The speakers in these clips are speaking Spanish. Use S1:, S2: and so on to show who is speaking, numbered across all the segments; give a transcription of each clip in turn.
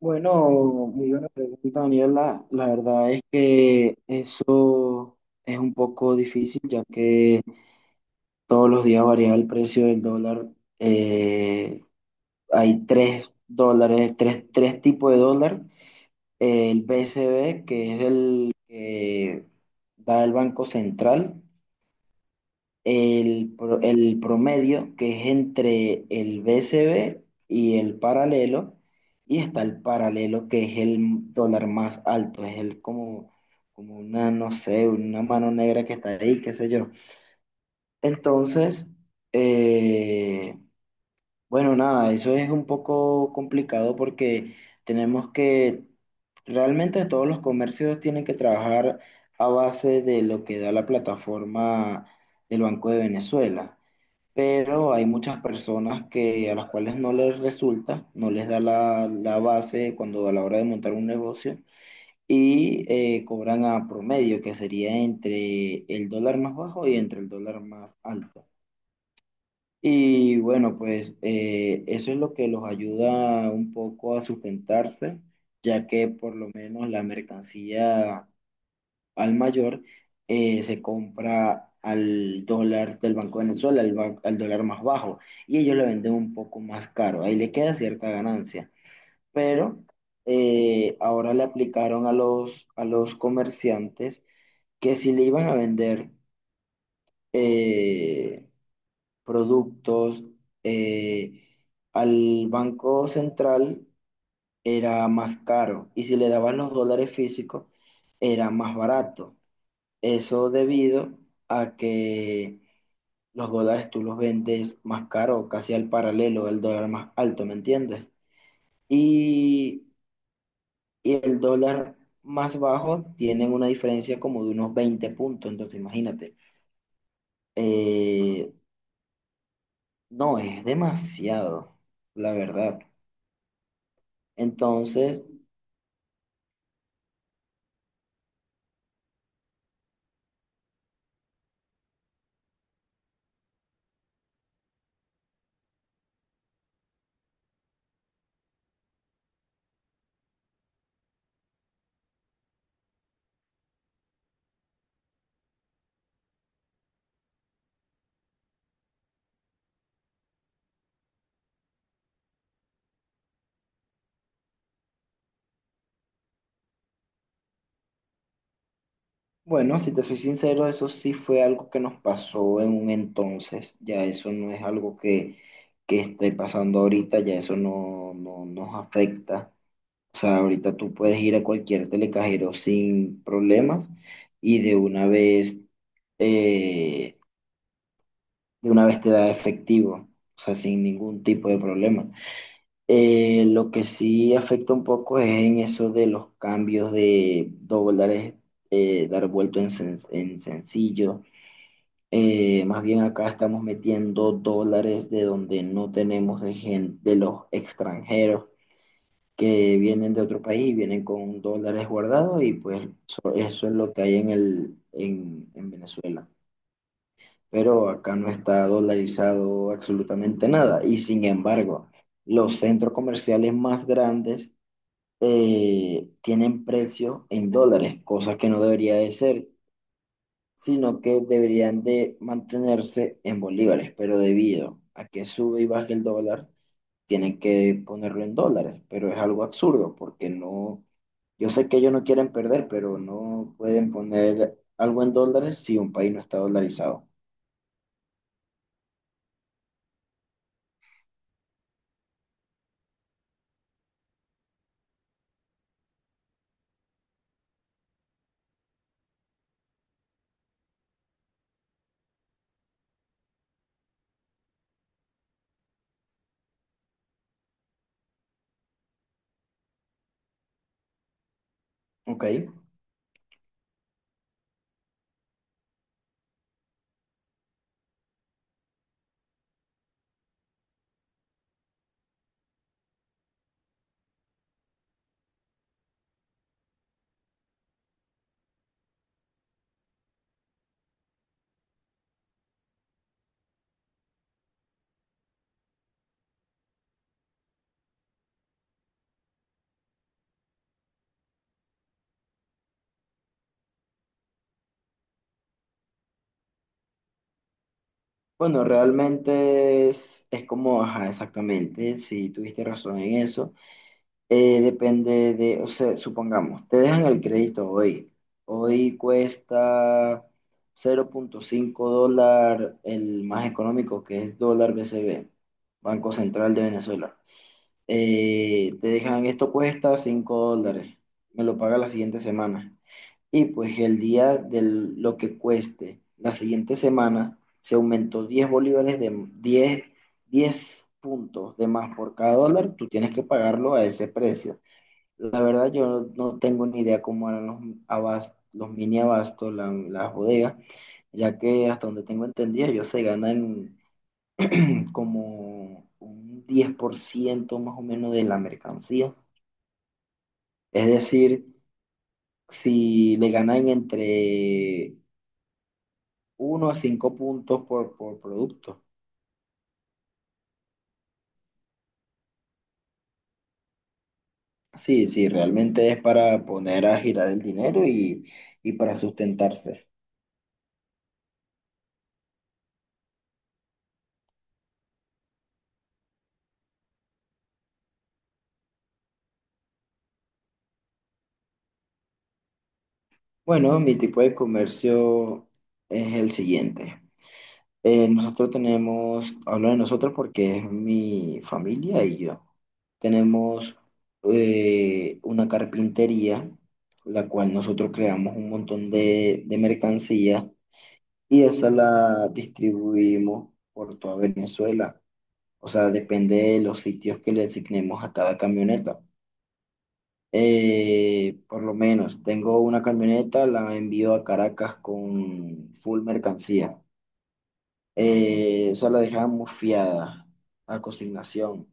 S1: Bueno, muy buena pregunta, Daniela. La verdad es que eso es un poco difícil, ya que todos los días varía el precio del dólar. Eh, Hay tres dólares, tres tipos de dólar. El BCB, que es el que da el Banco Central. El promedio, que es entre el BCB y el paralelo, y está el paralelo, que es el dólar más alto, es el como, como una, no sé, una mano negra que está ahí, qué sé yo. Entonces, eh, bueno, nada, eso es un poco complicado porque tenemos que, realmente todos los comercios tienen que trabajar a base de lo que da la plataforma del Banco de Venezuela, pero hay muchas personas que a las cuales no les resulta, no les da la base cuando a la hora de montar un negocio, y cobran a promedio, que sería entre el dólar más bajo y entre el dólar más alto. Y bueno, pues eso es lo que los ayuda un poco a sustentarse, ya que por lo menos la mercancía al mayor se compra al dólar del Banco de Venezuela, al dólar más bajo, y ellos le venden un poco más caro. Ahí le queda cierta ganancia. Pero ahora le aplicaron a a los comerciantes que si le iban a vender eh, productos eh, al Banco Central, era más caro. Y si le daban los dólares físicos, era más barato. Eso debido a que los dólares tú los vendes más caro, casi al paralelo del dólar más alto, ¿me entiendes? Y, y el dólar más bajo tienen una diferencia como de unos 20 puntos, entonces imagínate. Eh, no, es demasiado, la verdad. Entonces, bueno, si te soy sincero, eso sí fue algo que nos pasó en un entonces, ya eso no es algo que esté pasando ahorita, ya eso no, no nos afecta. O sea, ahorita tú puedes ir a cualquier telecajero sin problemas y eh, de una vez te da efectivo, o sea, sin ningún tipo de problema. Lo que sí afecta un poco es en eso de los cambios de dólares, dar vuelto en, en sencillo. Más bien acá estamos metiendo dólares de donde no tenemos, de gente, de los extranjeros que vienen de otro país, vienen con dólares guardados, y pues eso es lo que hay en el, en Venezuela. Pero acá no está dolarizado absolutamente nada y, sin embargo, los centros comerciales más grandes tienen precios en dólares, cosa que no debería de ser, sino que deberían de mantenerse en bolívares, pero debido a que sube y baja el dólar, tienen que ponerlo en dólares, pero es algo absurdo porque no, yo sé que ellos no quieren perder, pero no pueden poner algo en dólares si un país no está dolarizado, ¿ok? Bueno, realmente es como, ajá, exactamente, si tuviste razón en eso. Depende de, o sea, supongamos, te dejan el crédito hoy. Hoy cuesta 0,5 dólar el más económico, que es dólar BCB, Banco Central de Venezuela. Te dejan, esto cuesta 5 dólares, me lo paga la siguiente semana. Y pues el día de lo que cueste la siguiente semana, se aumentó 10 bolívares, de 10 puntos de más por cada dólar, tú tienes que pagarlo a ese precio. La verdad, yo no tengo ni idea cómo eran los mini abastos, las bodegas, ya que hasta donde tengo entendido, ellos se ganan como un 10% más o menos de la mercancía. Es decir, si le ganan entre uno a 5 puntos por producto. Sí, sí, realmente es para poner a girar el dinero, y para sustentarse. Bueno, mi tipo de comercio es el siguiente. Nosotros tenemos, hablo de nosotros porque es mi familia y yo. Tenemos una carpintería, la cual nosotros creamos un montón de mercancía y esa la distribuimos por toda Venezuela. O sea, depende de los sitios que le asignemos a cada camioneta. Por lo menos, tengo una camioneta, la envío a Caracas con full mercancía. Eso la dejaba muy fiada, a consignación.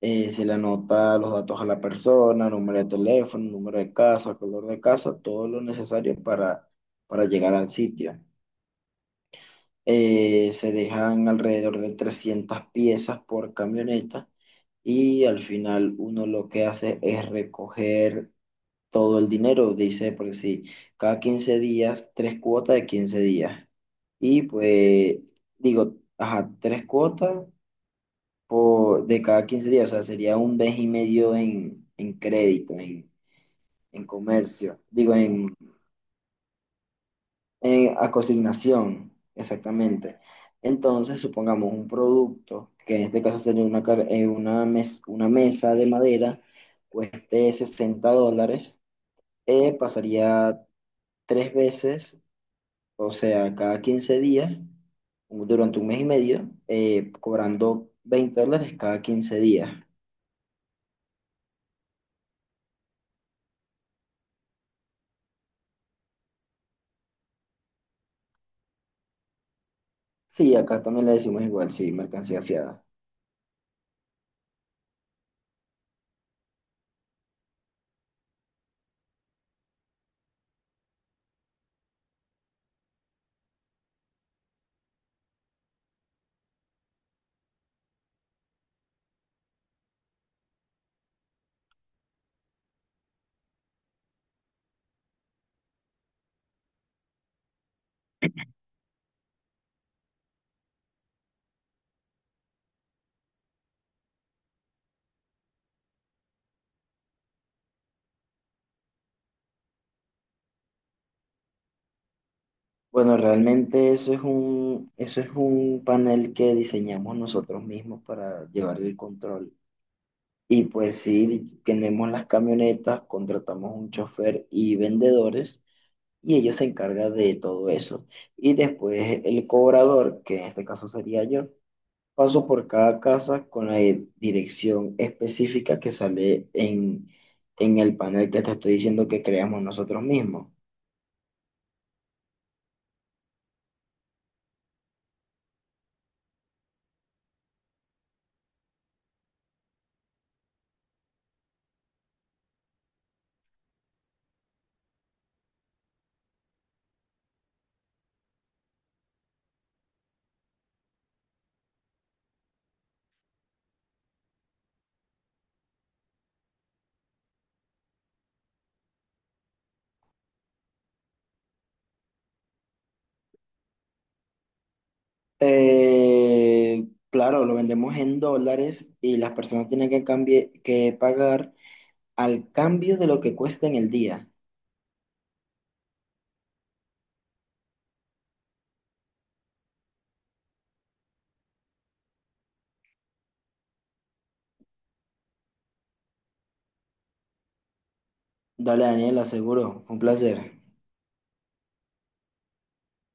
S1: Se le anota los datos a la persona, número de teléfono, número de casa, color de casa, todo lo necesario para llegar al sitio. Se dejan alrededor de 300 piezas por camioneta y al final uno lo que hace es recoger todo el dinero, dice, por si cada 15 días, tres cuotas de 15 días. Y pues digo, ajá, tres cuotas por, de cada 15 días, o sea, sería un mes y medio en crédito, en comercio, digo, en- a consignación, exactamente. Entonces, supongamos un producto, que en este caso sería una mesa de madera, cueste 60 dólares, pasaría tres veces, o sea, cada 15 días, durante un mes y medio, cobrando 20 dólares cada 15 días. Sí, acá también le decimos igual, sí, mercancía fiada. Bueno, realmente eso es un panel que diseñamos nosotros mismos para llevar el control. Y pues sí, tenemos las camionetas, contratamos un chofer y vendedores y ellos se encargan de todo eso. Y después el cobrador, que en este caso sería yo, paso por cada casa con la dirección específica que sale en el panel que te estoy diciendo que creamos nosotros mismos. Claro, lo vendemos en dólares y las personas tienen que, que pagar al cambio de lo que cuesta en el día. Dale, Daniel, aseguro. Un placer.